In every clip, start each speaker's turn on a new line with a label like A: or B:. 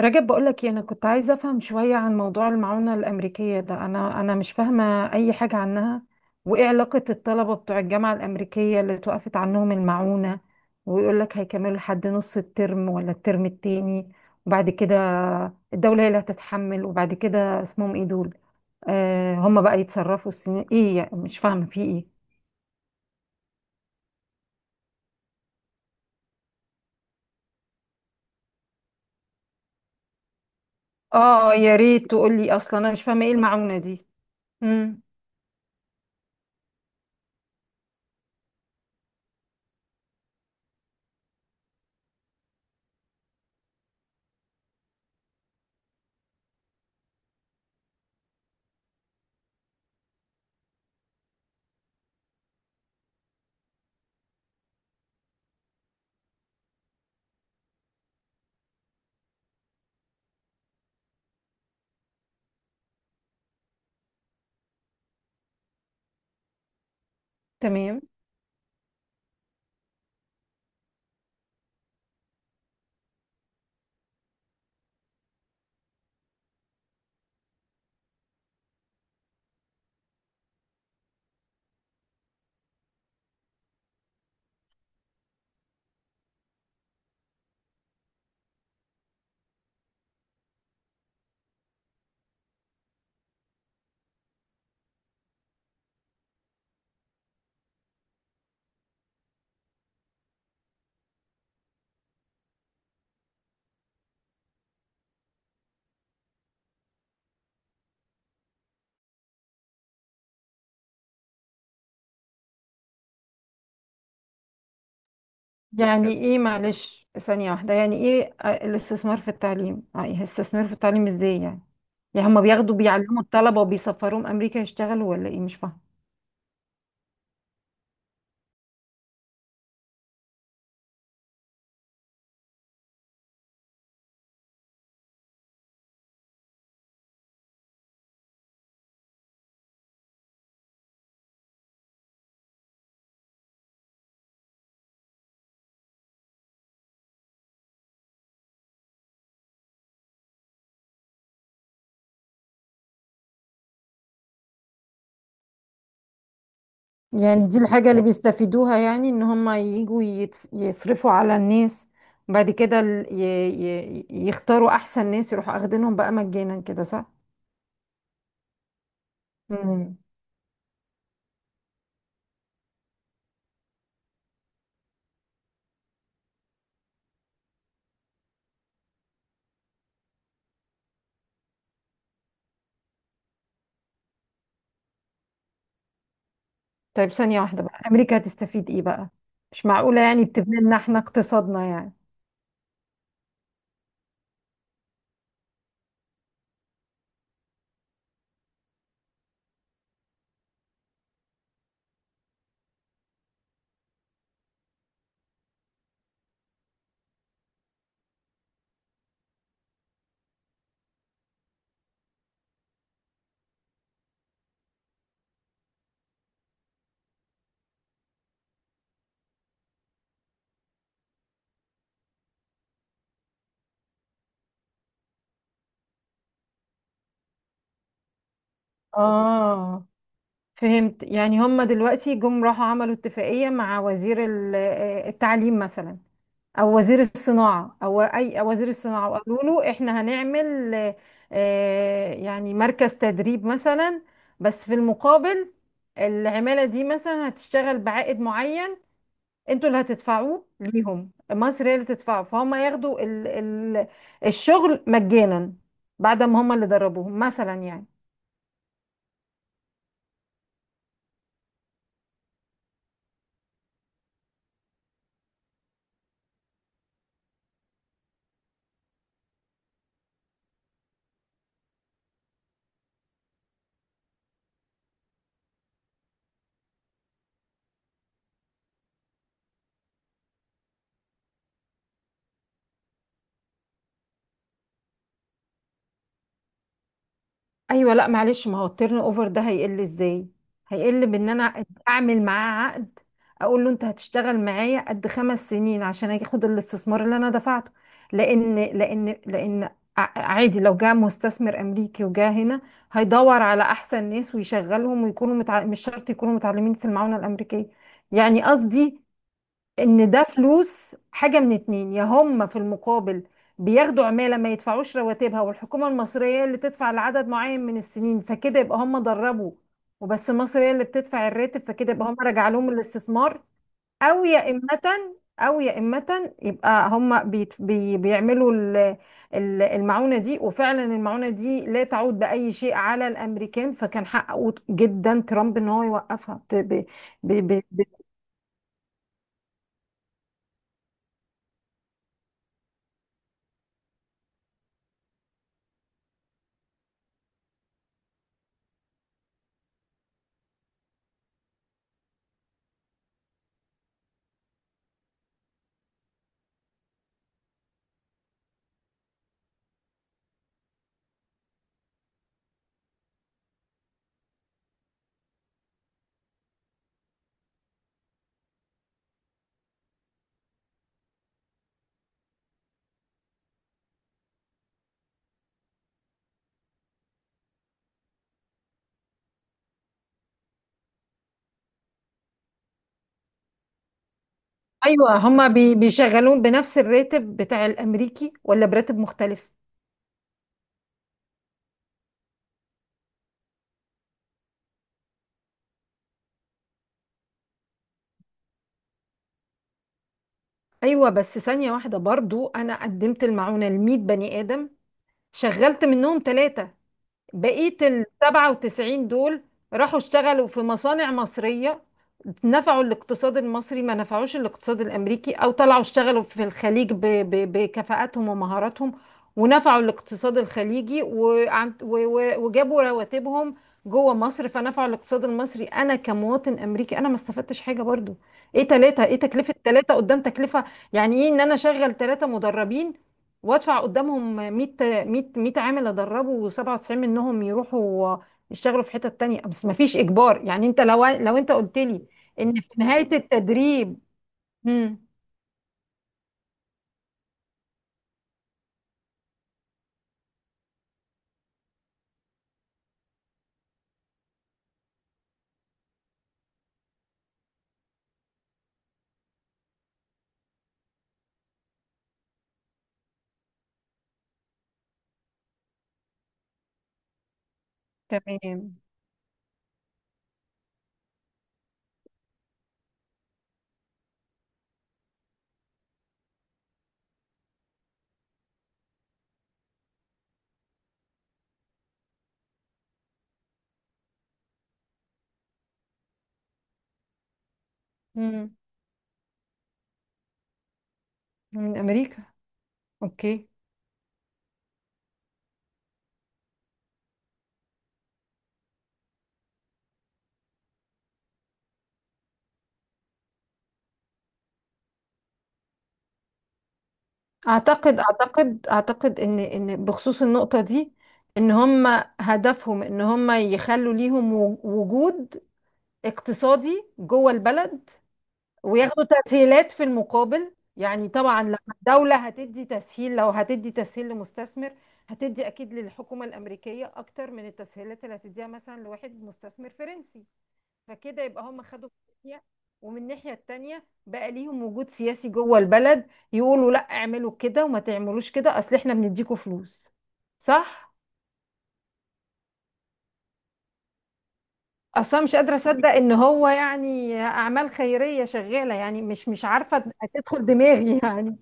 A: رجب بقولك إيه، انا كنت عايزه افهم شويه عن موضوع المعونه الامريكيه ده، انا مش فاهمه اي حاجه عنها. وايه علاقه الطلبه بتوع الجامعه الامريكيه اللي توقفت عنهم المعونه؟ ويقولك هيكملوا لحد نص الترم ولا الترم التاني، وبعد كده الدوله هي اللي هتتحمل. وبعد كده اسمهم ايه دول؟ هم بقى يتصرفوا، السنين ايه، يعني مش فاهمه في ايه. اه يا ريت تقولي، اصلا انا مش فاهمه ايه المعونه دي. امم. تمام. يعني ايه معلش، ثانية واحدة، يعني ايه الاستثمار في التعليم، إيه الاستثمار في التعليم ازاي يعني؟ يعني هما بياخدوا بيعلموا الطلبة وبيسفروهم امريكا يشتغلوا، ولا ايه؟ مش فاهمة. يعني دي الحاجة اللي بيستفيدوها، يعني ان هما يجوا يصرفوا على الناس، بعد كده يختاروا احسن ناس، يروحوا اخدينهم بقى مجانا كده، صح؟ مم. طيب ثانية واحدة بقى، امريكا هتستفيد ايه بقى؟ مش معقولة يعني بتبني لنا احنا اقتصادنا يعني. اه، فهمت. يعني هم دلوقتي جم راحوا عملوا اتفاقية مع وزير التعليم مثلا، او وزير الصناعة، او اي أو وزير الصناعة، وقالوا له احنا هنعمل، يعني مركز تدريب مثلا، بس في المقابل العمالة دي مثلا هتشتغل بعائد معين، انتوا اللي هتدفعوه ليهم، مصر هي اللي تدفعه، فهم ياخدوا ال الشغل مجانا، بعد ما هم اللي دربوهم مثلا، يعني. ايوه لا معلش، ما هو التيرن اوفر ده هيقل ازاي؟ هيقل بان انا اعمل معاه عقد، اقول له انت هتشتغل معايا قد 5 سنين عشان اخد الاستثمار اللي انا دفعته. لان عادي لو جاء مستثمر امريكي وجاء هنا، هيدور على احسن ناس ويشغلهم، ويكونوا مش شرط يكونوا متعلمين في المعونة الامريكية. يعني قصدي ان ده فلوس، حاجة من اتنين: يا هم في المقابل بياخدوا عمالة ما يدفعوش رواتبها، والحكومة المصرية اللي تدفع لعدد معين من السنين، فكده يبقى هم دربوا وبس، مصر هي اللي بتدفع الراتب، فكده يبقى هم رجع لهم الاستثمار. او يا إمة او يا إمة يبقى هم بيت بي بيعملوا ال- المعونة دي، وفعلا المعونة دي لا تعود بأي شيء على الأمريكان، فكان حقه جدا ترامب ان هو يوقفها. ب- ب- ايوه هما بيشغلون بنفس الراتب بتاع الامريكي ولا براتب مختلف؟ ايوه بس ثانيه واحده، برضو انا قدمت المعونه ل 100 بني ادم، شغلت منهم ثلاثه، بقية ال 97 دول راحوا اشتغلوا في مصانع مصرية، نفعوا الاقتصاد المصري، ما نفعوش الاقتصاد الأمريكي، أو طلعوا اشتغلوا في الخليج بكفاءاتهم ومهاراتهم، ونفعوا الاقتصاد الخليجي، وجابوا رواتبهم جوه مصر، فنفعوا الاقتصاد المصري. أنا كمواطن أمريكي، أنا ما استفدتش حاجة برضو. إيه تلاتة؟ إيه تكلفة تلاتة قدام تكلفة؟ يعني إيه إن أنا أشغل تلاتة مدربين وأدفع قدامهم 100، 100 100 عامل ادربه، و97 منهم يروحوا يشتغلوا في حتة تانية؟ بس ما فيش اجبار، يعني انت لو انت قلت لي ان في نهاية التدريب. امم. تمام. امم. من امريكا. اوكي. اعتقد ان بخصوص النقطة دي، ان هم هدفهم ان هم يخلوا ليهم وجود اقتصادي جوه البلد، وياخدوا تسهيلات في المقابل. يعني طبعا لما الدولة هتدي تسهيل، لو هتدي تسهيل لمستثمر، هتدي أكيد للحكومة الأمريكية أكتر من التسهيلات اللي هتديها مثلا لواحد مستثمر فرنسي. فكده يبقى هم خدوا من ناحية، ومن الناحية التانية بقى ليهم وجود سياسي جوه البلد، يقولوا لا اعملوا كده وما تعملوش كده، أصل احنا بنديكوا فلوس، صح؟ أصلا مش قادرة أصدق إن هو يعني أعمال خيرية شغالة، يعني مش عارفة تدخل دماغي يعني.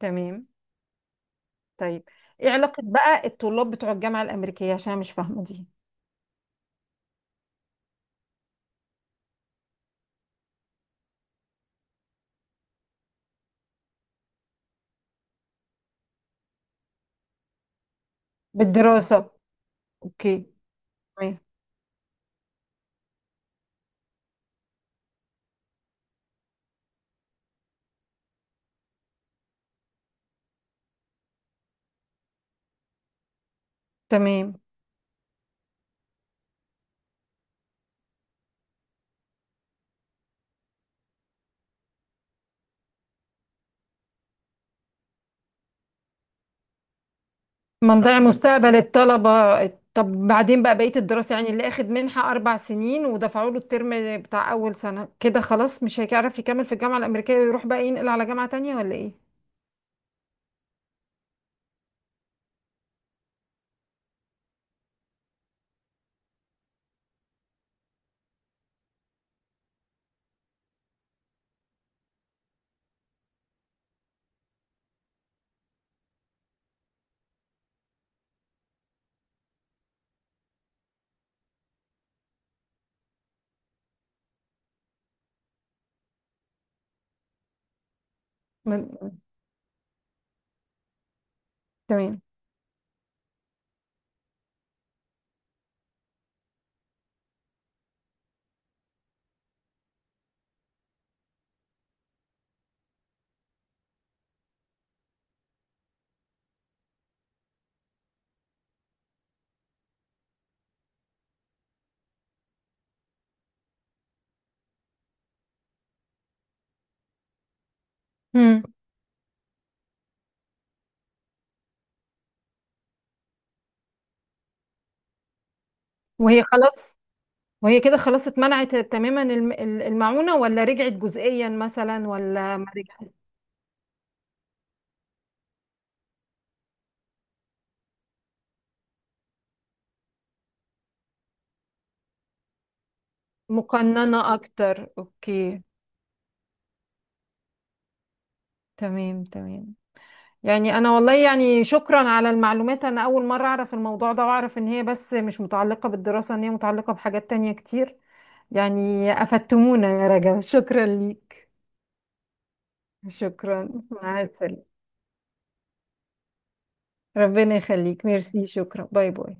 A: تمام. طيب ايه علاقة بقى الطلاب بتوع الجامعة الأمريكية؟ عشان أنا مش فاهمة دي. بالدراسة. اوكي. تمام. تمام. ما نضيع مستقبل الطلبة. طب بعدين بقى بقية الدراسة، يعني اللي اخد منحة 4 سنين ودفعوا له الترم بتاع أول سنة، كده خلاص مش هيعرف يكمل في الجامعة الأمريكية، ويروح بقى ينقل على جامعة تانية ولا ايه؟ ما- تمام. مم. وهي خلاص وهي كده خلاص اتمنعت تماما ال- المعونة، ولا رجعت جزئيا مثلا، ولا ما رجعت؟ مقننة أكتر، أوكي. تمام تمام. يعني انا والله، يعني شكرا على المعلومات، انا اول مرة اعرف الموضوع ده، واعرف ان هي بس مش متعلقة بالدراسة، ان هي متعلقة بحاجات تانية كتير. يعني افدتمونا يا رجا، شكرا ليك. شكرا، مع السلامة. ربنا يخليك، ميرسي، شكرا، باي باي.